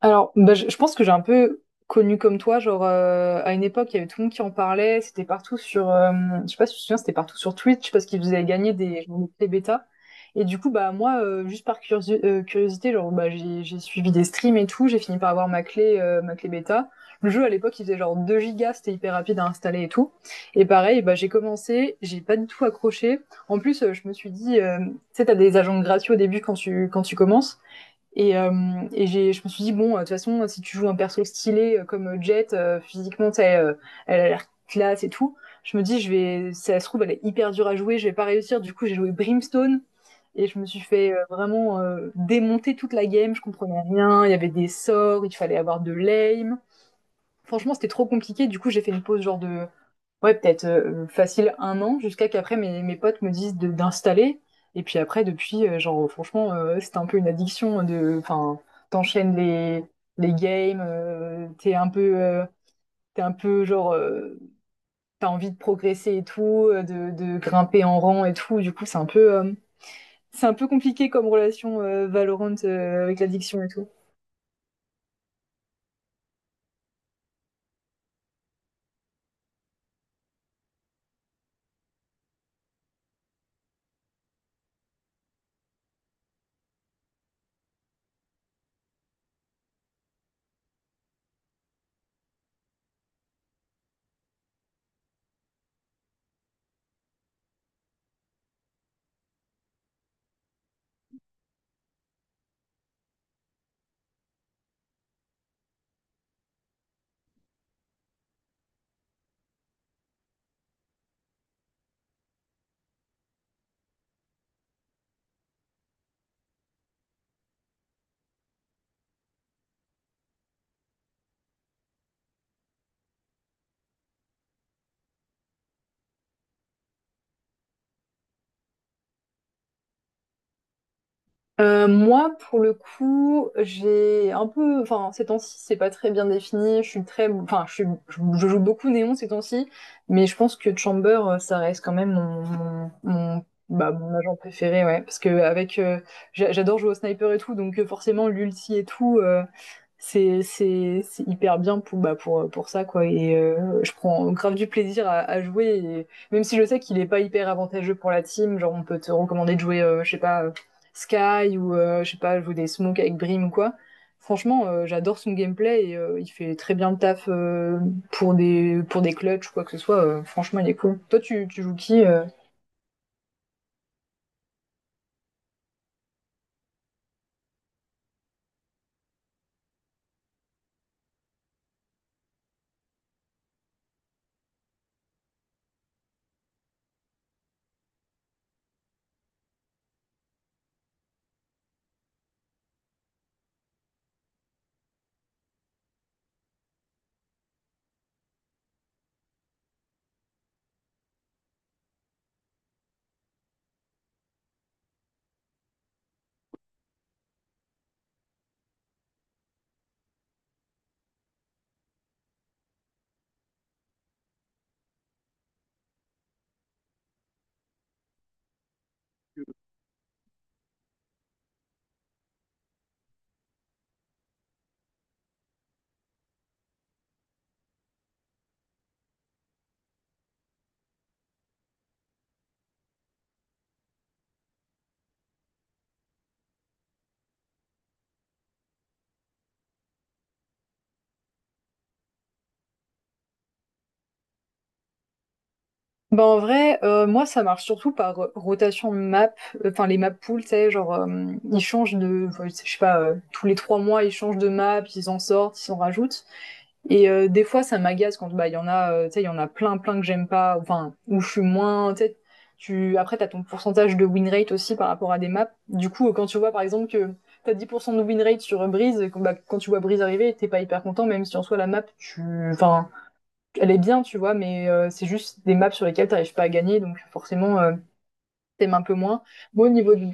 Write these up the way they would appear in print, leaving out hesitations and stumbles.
Alors, bah, je pense que j'ai un peu connu comme toi, genre à une époque, il y avait tout le monde qui en parlait, c'était partout je sais pas si tu te souviens, c'était partout sur Twitch parce qu'ils faisaient gagner des bêta. Et du coup, bah moi, juste par curiosité, genre bah j'ai suivi des streams et tout, j'ai fini par avoir ma clé bêta. Le jeu à l'époque, il faisait genre 2 gigas, c'était hyper rapide à installer et tout. Et pareil, bah j'ai commencé, j'ai pas du tout accroché. En plus, je me suis dit, tu sais, t'as des agents gratuits au début quand tu commences. Et, euh, et je me suis dit, bon, de toute façon, si tu joues un perso stylé comme Jet, physiquement, tu sais, elle a l'air classe et tout, je me dis, si ça se trouve, elle est hyper dure à jouer, je vais pas réussir. Du coup, j'ai joué Brimstone et je me suis fait vraiment démonter toute la game. Je comprenais rien, il y avait des sorts, il fallait avoir de l'aim. Franchement, c'était trop compliqué, du coup, j'ai fait une pause genre de ouais, peut-être facile un an, jusqu'à qu'après mes potes me disent d'installer. Et puis après, depuis, genre, franchement, ouais, c'est un peu une addiction de, enfin, t'enchaînes les games, t'es un peu genre, t'as envie de progresser et tout, de grimper en rang et tout. Du coup, c'est un peu compliqué comme relation Valorant avec l'addiction et tout. Moi, pour le coup, j'ai un peu, enfin, ces temps-ci, c'est pas très bien défini. Je suis très, enfin, je joue beaucoup Néon ces temps-ci, mais je pense que Chamber, ça reste quand même bah, mon agent préféré, ouais. Parce que j'adore jouer au sniper et tout, donc forcément l'ulti et tout, c'est hyper bien bah, pour ça, quoi. Et je prends grave du plaisir à jouer, et même si je sais qu'il est pas hyper avantageux pour la team, genre on peut te recommander de jouer, je sais pas. Sky ou je sais pas, joue des smokes avec Brim ou quoi. Franchement, j'adore son gameplay et il fait très bien le taf pour des clutches ou quoi que ce soit. Franchement, il est cool. Toi, tu joues qui? Ben en vrai, moi ça marche surtout par rotation de map, enfin les map pools, tu sais, genre ils changent de, enfin, je sais pas, tous les 3 mois ils changent de map, ils en sortent, ils en rajoutent. Et des fois, ça m'agace quand bah il y en a, tu sais, il y en a plein, plein que j'aime pas, enfin où je suis moins, tu sais. Tu Après t'as ton pourcentage de win rate aussi par rapport à des maps. Du coup, quand tu vois par exemple que t'as 10% de win rate sur Breeze, et bah, quand tu vois Breeze arriver, t'es pas hyper content, même si en soi la map, enfin, elle est bien, tu vois, mais c'est juste des maps sur lesquelles t'arrives pas à gagner, donc forcément t'aimes un peu moins. Moi, au niveau du.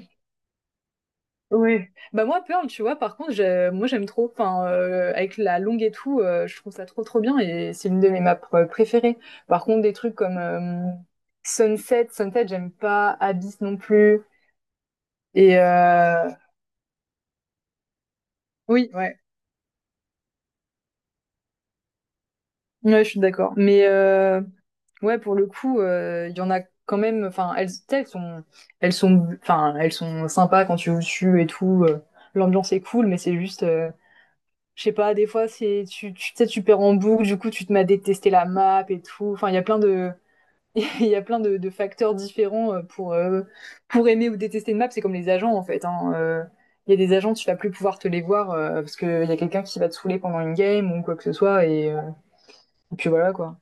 Ouais. Bah moi, Pearl, tu vois, par contre, moi j'aime trop. Enfin, avec la longue et tout, je trouve ça trop trop bien et c'est l'une de mes maps préférées. Par contre, des trucs comme Sunset, j'aime pas. Abyss non plus. Et oui, ouais, ouais, je suis d'accord. Mais ouais, pour le coup, il y en a quand même. Enfin, elles, tu sais, enfin, elles sont sympas quand tu joues dessus et tout. L'ambiance est cool, mais c'est juste. Je sais pas, des fois, c'est tu, tu tu sais, tu perds en boucle, du coup, tu te mets à détester la map et tout. Enfin, il y a plein de, il y a plein de facteurs différents pour aimer ou détester une map. C'est comme les agents, en fait, hein. Il y a des agents, tu vas plus pouvoir te les voir parce qu'il y a quelqu'un qui va te saouler pendant une game ou quoi que ce soit. Et puis voilà, quoi.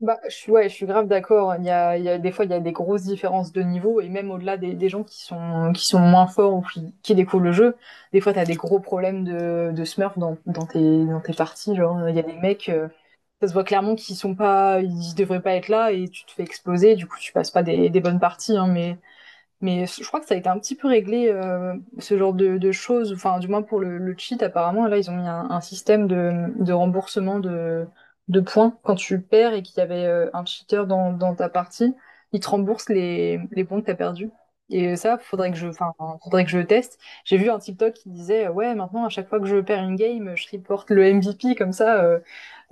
Bah, ouais, je suis grave d'accord. Des fois, il y a des grosses différences de niveau, et même au-delà des gens qui sont moins forts ou qui découvrent le jeu, des fois, t'as des gros problèmes de smurf dans tes parties. Genre, il y a des mecs, ça se voit clairement qu'ils sont pas, ils devraient pas être là, et tu te fais exploser, du coup, tu passes pas des bonnes parties, hein, mais je crois que ça a été un petit peu réglé, ce genre de choses, enfin du moins pour le cheat apparemment, là ils ont mis un système de remboursement de points quand tu perds et qu'il y avait un cheater dans ta partie, ils te remboursent les points que t'as perdus. Et ça, enfin, faudrait que je teste. J'ai vu un TikTok qui disait, ouais, maintenant à chaque fois que je perds une game, je reporte le MVP comme ça, euh,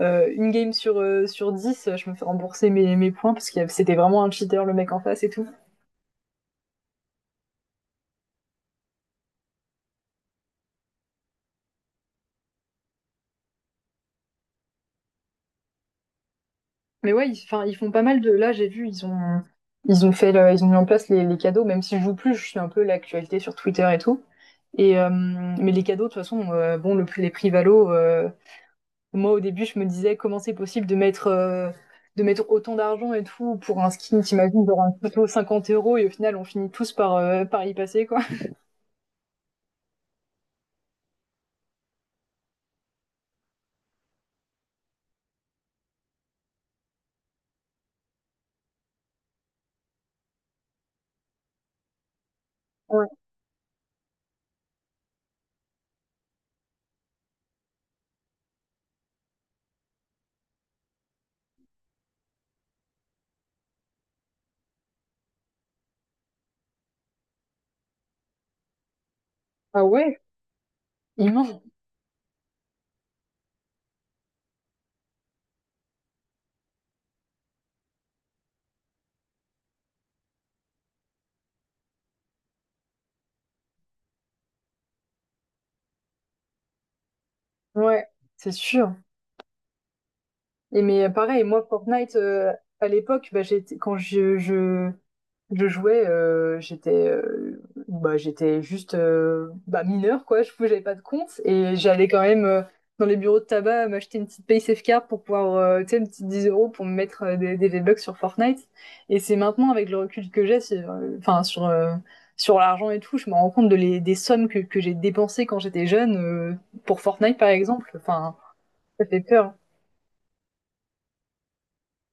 euh, une game sur 10, je me fais rembourser mes points parce que c'était vraiment un cheater le mec en face et tout. Mais ouais, enfin, ils font pas mal de. Là, j'ai vu, ils ont mis en place les cadeaux. Même si je joue plus, je suis un peu l'actualité sur Twitter et tout. Et mais les cadeaux, de toute façon, bon, les prix Valo. Moi, au début, je me disais comment c'est possible de mettre autant d'argent et tout pour un skin. T'imagines, genre un couteau 50 euros et au final, on finit tous par y passer, quoi. Ouais. Ah ouais, immense. Ouais, c'est sûr. Et mais pareil, moi, Fortnite, à l'époque, bah, quand je jouais, bah, j'étais juste bah, mineure, quoi. Je n'avais pas de compte et j'allais quand même dans les bureaux de tabac m'acheter une petite PaySafe card pour pouvoir, tu sais, une petite 10 euros pour me mettre des V-Bucks sur Fortnite. Et c'est maintenant, avec le recul que j'ai, enfin, sur l'argent et tout, je me rends compte des sommes que j'ai dépensées quand j'étais jeune pour Fortnite, par exemple. Enfin, ça fait peur.